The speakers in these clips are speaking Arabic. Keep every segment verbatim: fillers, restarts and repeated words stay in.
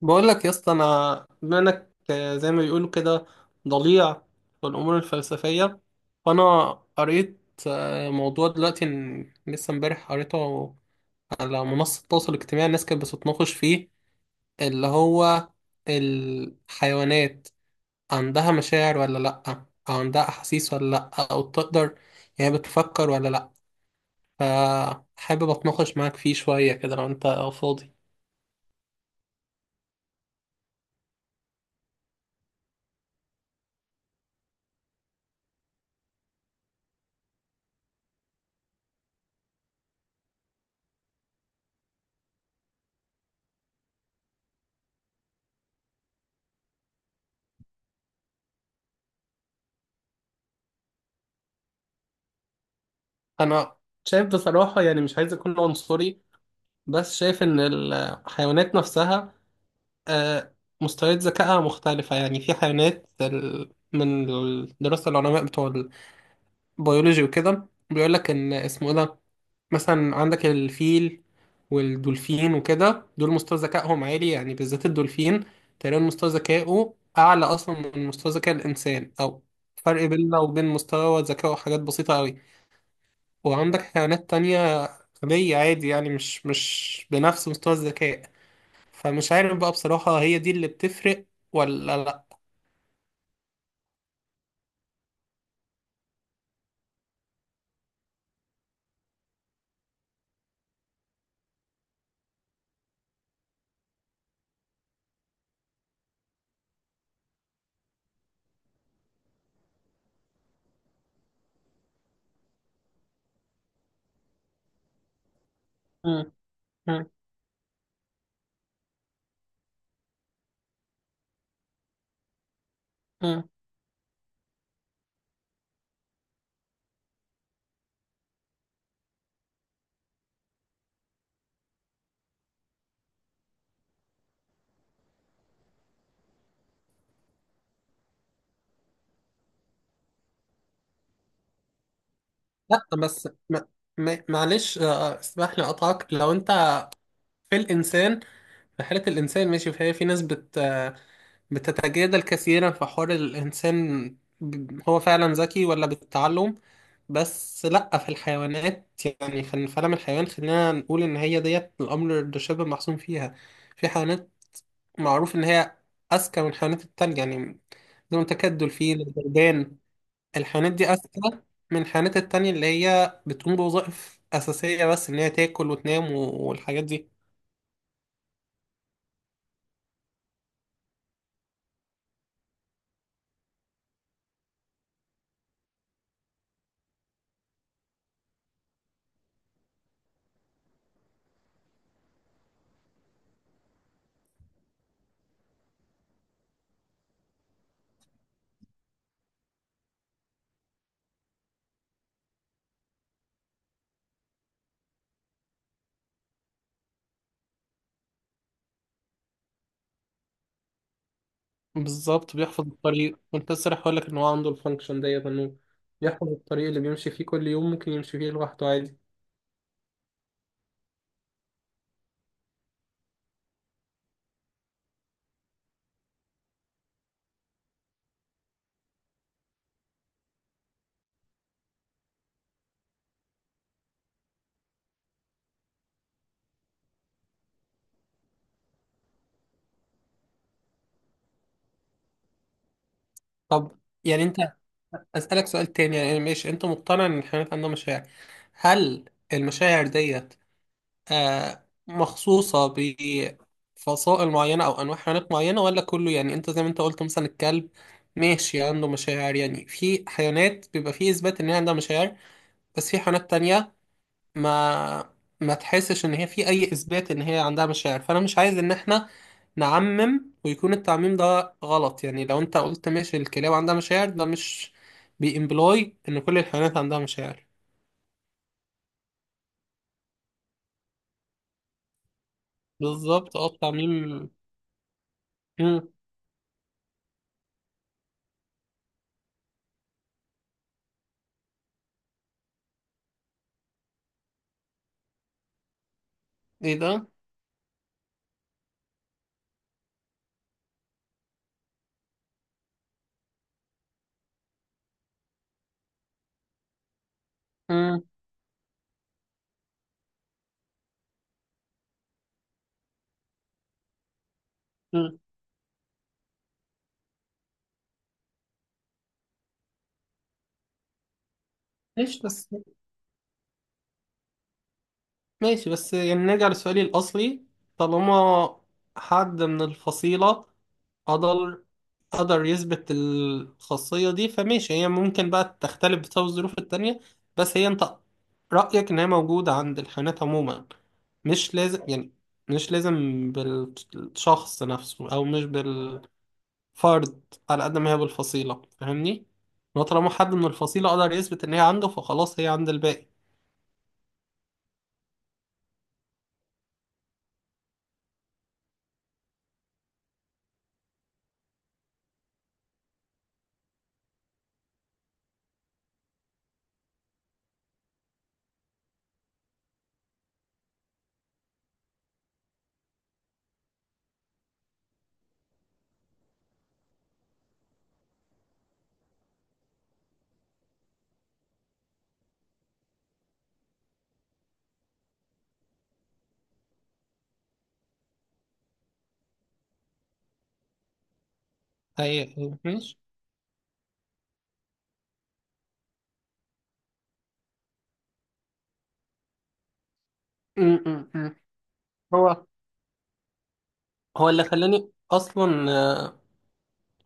بقول لك يا اسطى، انا بما انك آه، زي ما بيقولوا كده ضليع في الامور الفلسفيه. فانا قريت آه، موضوع دلوقتي إن- لسه امبارح قريته على منصه التواصل الاجتماعي. الناس كانت بتتناقش فيه، اللي هو الحيوانات عندها مشاعر ولا لا، او عندها احاسيس ولا لا، او بتقدر يعني بتفكر ولا لا. فحابب اتناقش معاك فيه شويه كده لو انت فاضي. انا شايف بصراحه، يعني مش عايز اكون عنصري، بس شايف ان الحيوانات نفسها آه، مستويات ذكائها مختلفة. يعني في حيوانات ال- من دراسة العلماء بتوع البيولوجي وكده، بيقول لك ان اسمه ايه ده، مثلا عندك الفيل والدولفين وكده، دول مستوى ذكائهم عالي، يعني بالذات الدولفين تقريبا مستوى ذكائه أعلى أصلا من مستوى ذكاء الإنسان، أو فرق بيننا وبين مستوى ذكائه حاجات بسيطة أوي. وعندك حيوانات تانية غبية عادي، يعني مش مش بنفس مستوى الذكاء. فمش عارف بقى بصراحة، هي دي اللي بتفرق ولا لا؟ مم. مم. مم. لا بس م... م... معلش، آه، آه، اسمح لي اقطعك. لو انت في الانسان، في حالة الانسان ماشي، فهي في ناس بت... آه، بتتجادل كثيرا في حوار الانسان، ب- هو فعلا ذكي ولا بالتعلم. بس لا، في الحيوانات يعني، في الفلم الحيوان خلينا نقول ان هي ديت، الامر ده شبه محسوم فيها. في حيوانات معروف ان هي اذكى من الحيوانات التانية، يعني بدون تكدل فيه للبلدان. الحيوانات دي أذكى من الحيوانات التانية اللي هي بتقوم بوظائف أساسية، بس إن هي تاكل وتنام و- والحاجات دي. بالظبط، بيحفظ الطريق. كنت لسه رايح أقولك إن هو عنده الفانكشن ديت، إنه بيحفظ الطريق اللي بيمشي فيه كل يوم، ممكن يمشي فيه لوحده عادي. طب، يعني أنت أسألك سؤال تاني يعني. ماشي، أنت مقتنع إن الحيوانات عندها مشاعر. هل المشاعر ديت آه، مخصوصة بفصائل معينة أو أنواع حيوانات معينة ولا كله؟ يعني أنت زي ما أنت قلت مثلا، الكلب ماشي عنده مشاعر، يعني في حيوانات بيبقى فيه إثبات إن هي عندها مشاعر، بس في حيوانات تانية ما ما تحسش إن هي في أي إثبات إن هي عندها مشاعر. فأنا مش عايز إن إحنا نعمم ويكون التعميم ده غلط. يعني لو أنت قلت ماشي الكلاب عندها مشاعر، ده مش بيمبلاي إن كل الحيوانات عندها مشاعر. بالظبط، اه، التعميم. مم. إيه ده؟ مم. ماشي بس، ماشي بس يعني، نرجع لسؤالي الأصلي. طالما حد من الفصيلة قدر قدر يثبت الخاصية دي، فماشي، هي ممكن بقى تختلف بسبب الظروف التانية، بس هي أنت رأيك إن هي موجودة عند الحيوانات عموما. مش لازم يعني، مش لازم بالشخص نفسه أو مش بالفرد، على قد ما هي بالفصيلة. فاهمني؟ إن هو طالما حد من الفصيلة قدر يثبت إن هي عنده فخلاص هي عند الباقي. هي. ماشي. م- م- م. هو هو اللي خلاني اصلا آه،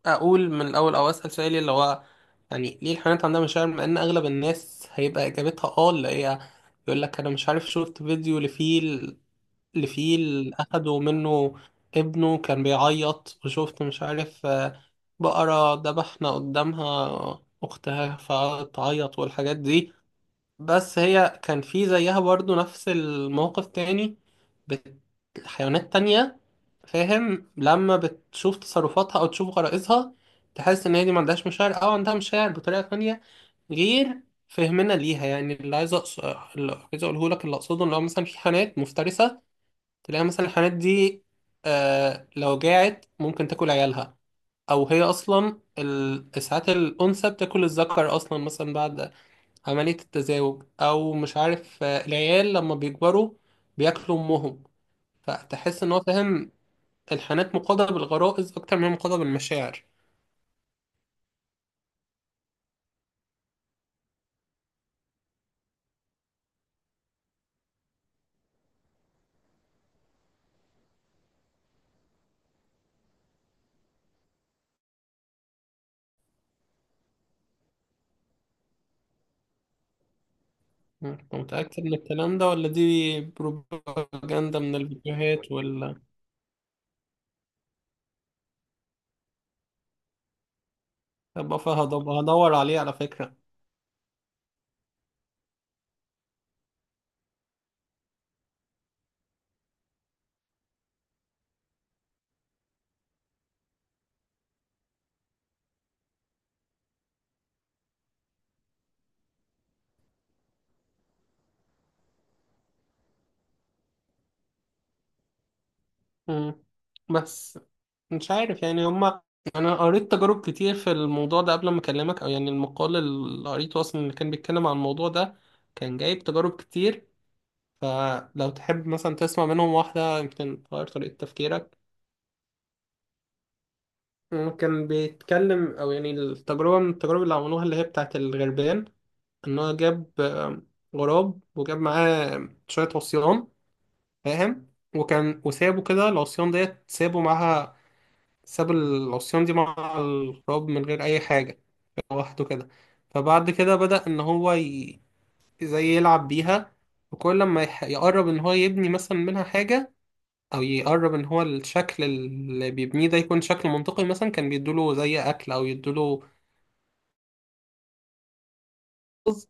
اقول من الاول او اسال سؤالي اللي هو، يعني ليه الحيوانات عندها مشاعر؟ مع ان اغلب الناس هيبقى اجابتها اه، اللي هي يقول لك انا مش عارف شفت فيديو لفيل لفيل اخدوا منه ابنه كان بيعيط، وشفت مش عارف آه، بقرة ذبحنا قدامها اختها فقعدت تعيط، والحاجات دي. بس هي كان في زيها برضو نفس الموقف تاني، بت- حيوانات تانية. فاهم؟ لما بتشوف تصرفاتها أو تشوف غرائزها، تحس إن هي دي ما عندهاش مشاعر، أو عندها مشاعر بطريقة تانية غير فهمنا ليها. يعني اللي عايز أقص... اللي عايز أقوله لك، اللي أقصده، إن هو مثلا في حيوانات مفترسة، تلاقي مثلا الحيوانات دي آه لو جاعت ممكن تاكل عيالها، أو هي أصلا ال... ساعات الأنثى بتاكل الذكر أصلا مثلا بعد عملية التزاوج، أو مش عارف، آه، العيال لما بيكبروا بياكلوا أمهم. فتحس إن هو، فاهم، الحانات مقاضة بالغرائز أكتر من مقاضة بالمشاعر. أنت متأكد من الكلام ده، ولا دي بروباجندا من الفيديوهات ولا؟ أبقى فهدب- هدور عليه على فكرة. مم. بس مش عارف يعني هما، أنا قريت تجارب كتير في الموضوع ده قبل ما أكلمك. أو يعني المقال اللي قريته أصلا اللي كان بيتكلم عن الموضوع ده، كان جايب تجارب كتير. فلو تحب مثلا تسمع منهم واحدة، يمكن تغير طريقة تفكيرك. ممكن بيتكلم أو يعني، التجربة من التجارب اللي عملوها اللي هي بتاعت الغربان، إن هو جاب آه، غراب وجاب معاه شوية عصيان، فاهم؟ وكان وسابه كده، العصيان ديت سابه معاها، ساب العصيان دي مع الغراب من غير أي حاجة، لوحده كده. فبعد كده بدأ إن هو ي... زي يلعب بيها. وكل لما يح- يقرب إن هو يبني مثلا منها حاجة، او يقرب ان هو الشكل اللي بيبنيه ده يكون شكل منطقي، مثلا كان بيدوله زي اكل او يدوله رز،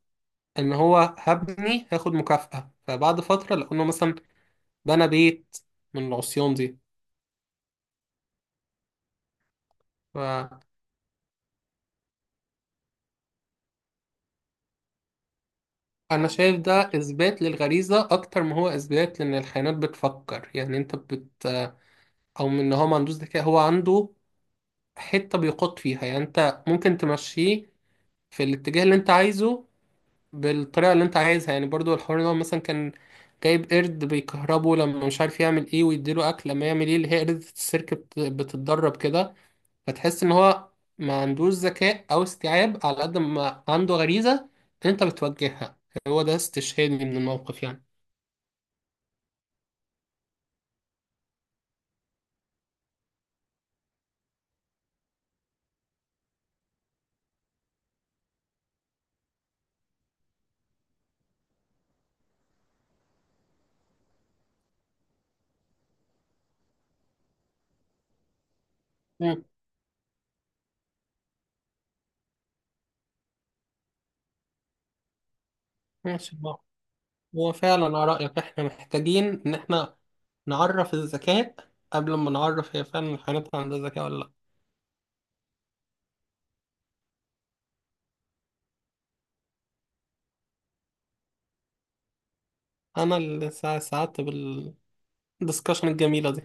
ان هو هبني هاخد مكافأة. فبعد فترة لقوا انه مثلا بنى بيت من العصيان دي. فانا شايف ده اثبات للغريزة اكتر ما هو اثبات لان الحيوانات بتفكر. يعني انت بت او من ان هو ما عندوش ذكاء، هو عنده حتة بيقود فيها. يعني انت ممكن تمشيه في الاتجاه اللي انت عايزه، بالطريقة اللي انت عايزها. يعني برضو الحوار ده مثلا كان جايب قرد بيكهربه لما مش عارف يعمل ايه ويديله اكل لما يعمل ايه، اللي هي قردة السيرك بت- بتتدرب كده. فتحس ان هو ما عندوش ذكاء او استيعاب على قد ما عنده غريزة، انت بتوجهها. هو ده استشهادي من الموقف يعني. مم. ماشي بقى. هو فعلا على رأيك احنا محتاجين ان احنا نعرف الذكاء قبل ما نعرف هي فعلا الحيوانات عندها ذكاء ولا لا. انا اللي سع- سعدت بالدسكشن الجميلة دي.